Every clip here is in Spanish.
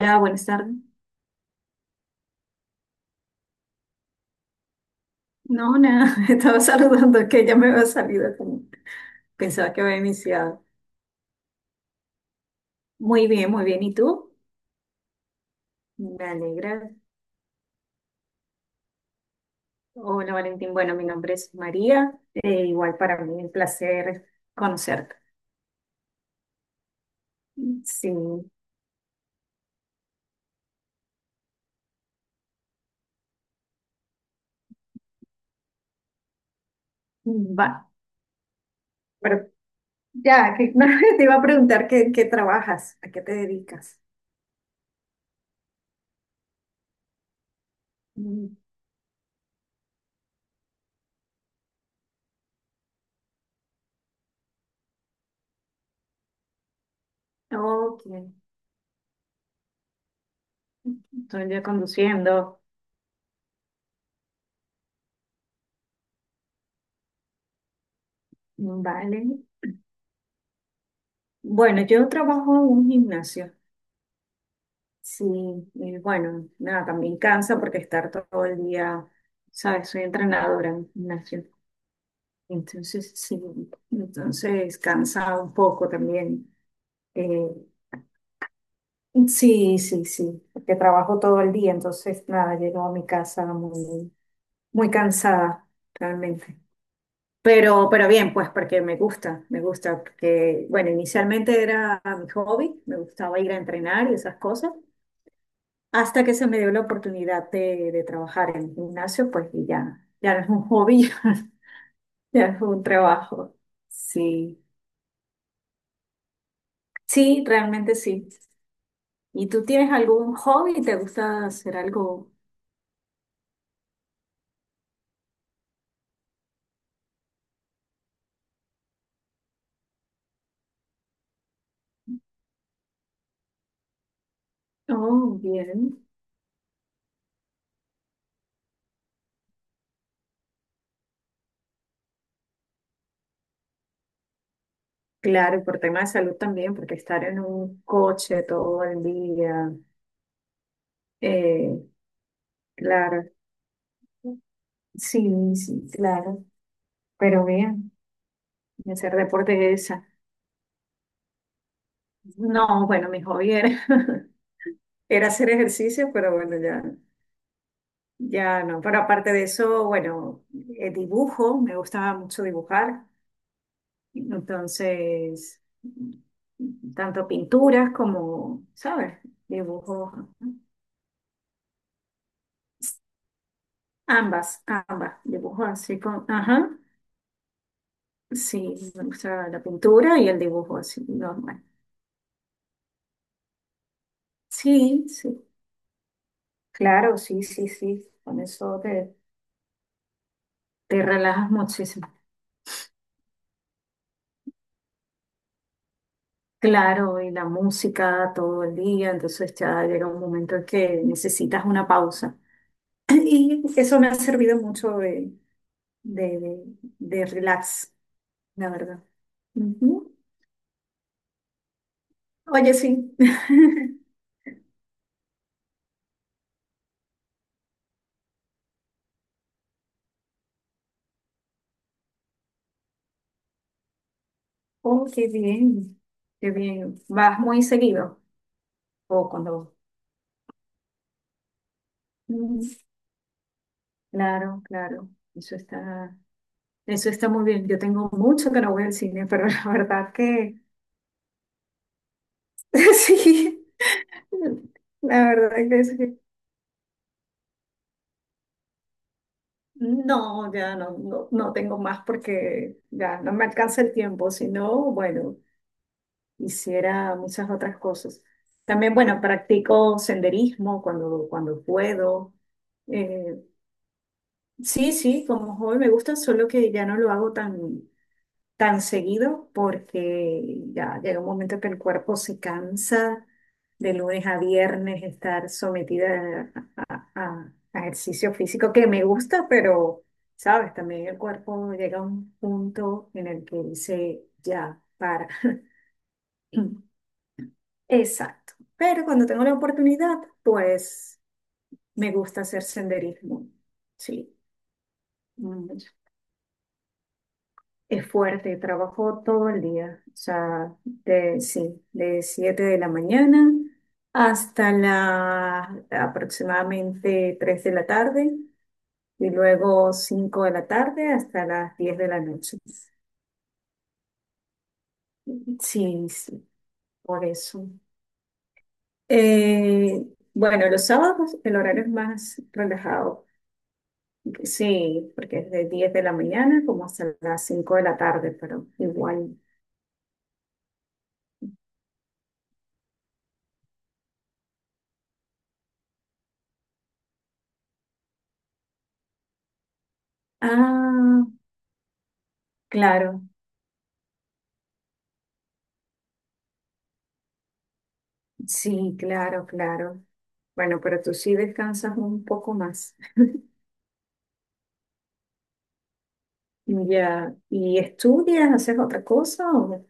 Hola, buenas tardes. No, nada, estaba saludando que ya me había salido, como pensaba que había iniciado. Muy bien, muy bien. ¿Y tú? Me alegra. Hola, Valentín. Bueno, mi nombre es María. Igual para mí un placer conocerte. Sí, va. Pero ya, que, no, te iba a preguntar qué trabajas, a qué te dedicas. Mm, ok, estoy ya conduciendo. Vale. Bueno, yo trabajo en un gimnasio. Sí, y bueno, nada, también cansa porque estar todo el día, ¿sabes? Soy entrenadora en gimnasio, entonces sí, entonces cansa un poco también. Eh, sí, sí, sí, porque trabajo todo el día, entonces nada, llego a mi casa muy, muy cansada, realmente. Pero bien, pues porque me gusta, porque, bueno, inicialmente era mi hobby, me gustaba ir a entrenar y esas cosas. Hasta que se me dio la oportunidad de trabajar en el gimnasio, pues y ya, ya no es un hobby, ya es un trabajo. Sí, sí, realmente sí. ¿Y tú tienes algún hobby? ¿Te gusta hacer algo? Oh, bien. Claro, y por tema de salud también, porque estar en un coche todo el día, eh, claro. Sí, sí, claro. Pero bien, y hacer deporte es esa. No, bueno, mi hobby era, era hacer ejercicio, pero bueno, ya. Ya no, pero aparte de eso, bueno, dibujo, me gustaba mucho dibujar, entonces, tanto pinturas como, ¿sabes? Dibujo, ambas, ambas, dibujo así con, ajá, sí, me gusta la pintura y el dibujo así, normal. Sí, sí, claro, sí, sí, sí, con eso te, te relajas muchísimo. Claro, y la música todo el día, entonces ya llega un momento en que necesitas una pausa. Y eso me ha servido mucho de, de, de relax, la verdad. Ujú. Oye, sí. Oh, qué bien, qué bien. ¿Vas muy seguido? O cuando… Mm, claro, claro. Eso está, eso está muy bien. Yo tengo mucho que no voy al cine, pero la verdad que sí. La verdad que sí. No, ya no, no, no tengo más porque ya no me alcanza el tiempo. Si no, bueno, hiciera muchas otras cosas. También, bueno, practico senderismo cuando, cuando puedo. Eh, sí, sí, como joven me gusta, solo que ya no lo hago tan, tan seguido porque ya llega un momento que el cuerpo se cansa de lunes a viernes estar sometida a, a ejercicio físico que me gusta, pero, sabes, también el cuerpo llega a un punto en el que dice, ya, para. Exacto. Pero cuando tengo la oportunidad, pues me gusta hacer senderismo. Sí. Mm, es fuerte, trabajo todo el día. O sea, de, sí, de 7 de la mañana hasta la aproximadamente 3 de la tarde y luego 5 de la tarde hasta las 10 de la noche. Sí, sí, por eso. Eh, bueno, los sábados el horario es más relajado. Sí, porque es de 10 de la mañana como hasta las 5 de la tarde, pero igual. Ah, claro, sí, claro, claro. Bueno, pero tú sí descansas un poco más. Ya, ¿y estudias, haces otra cosa o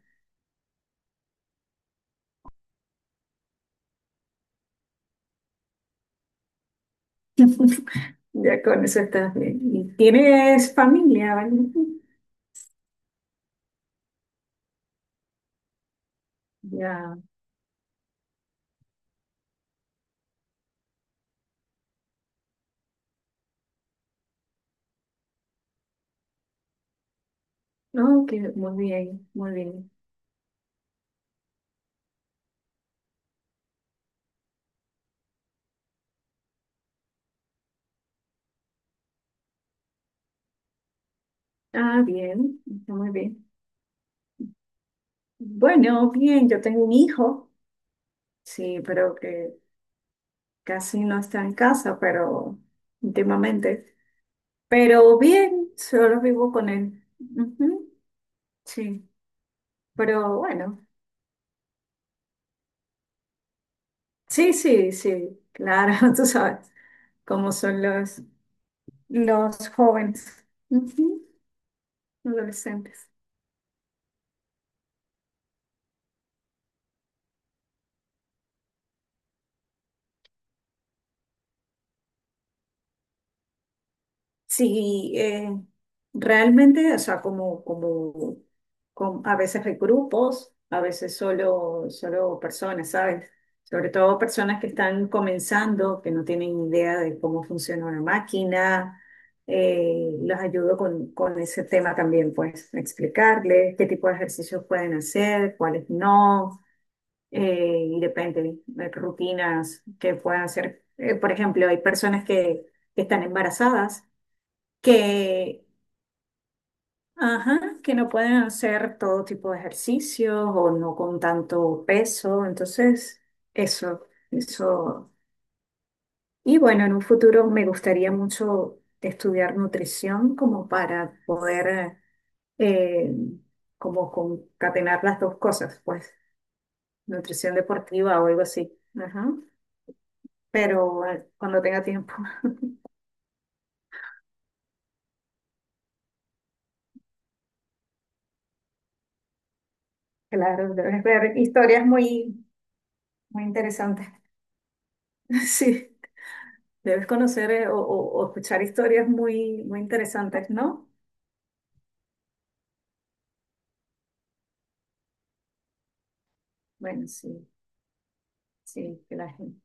ya con eso estás bien? ¿Y tienes familia, vale? Ya, no, que muy bien, muy bien. Ah, bien, está muy bien. Bueno, bien, yo tengo un hijo, sí, pero que casi no está en casa, pero últimamente. Pero bien, solo vivo con él. Ujú, sí, pero bueno. Sí, sí, sí, claro, tú sabes cómo son los jóvenes. Ujú, adolescentes. Sí, realmente, o sea, a veces hay grupos, a veces solo, solo personas, ¿sabes? Sobre todo personas que están comenzando, que no tienen idea de cómo funciona una máquina. Los ayudo con ese tema también, pues, explicarles qué tipo de ejercicios pueden hacer, cuáles no. Y depende de rutinas que puedan hacer. Por ejemplo, hay personas que que están embarazadas que, ajá, que no pueden hacer todo tipo de ejercicios o no con tanto peso. Entonces, eso, eso. Y bueno, en un futuro me gustaría mucho estudiar nutrición como para poder eh, como concatenar las dos cosas, pues, nutrición deportiva o algo así. Ajá. Pero cuando tenga tiempo, claro, debes ver historias muy, muy interesantes. Sí. Debes conocer o escuchar historias muy, muy interesantes, ¿no? Bueno, sí, sí, que la gente.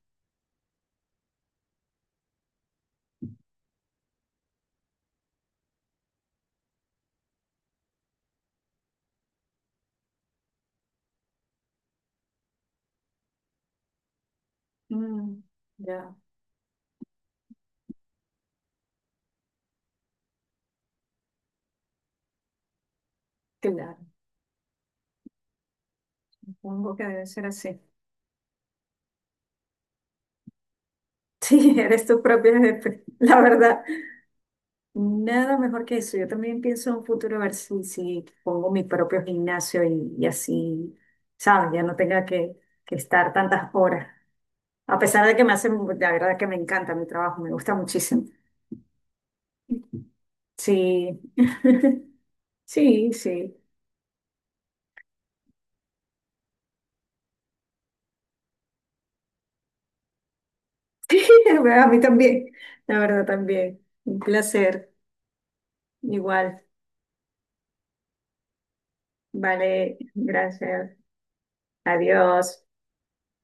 Mm, ya, claro, supongo que debe ser así. Sí, eres tu propio jefe, la verdad. Nada mejor que eso. Yo también pienso en un futuro a ver si, si pongo mi propio gimnasio y así, ¿sabes? Ya no tenga que estar tantas horas. A pesar de que me hace, la verdad que me encanta mi trabajo, me gusta muchísimo. Sí, sí, sí. A mí también, la verdad también. Un placer. Igual. Vale, gracias. Adiós.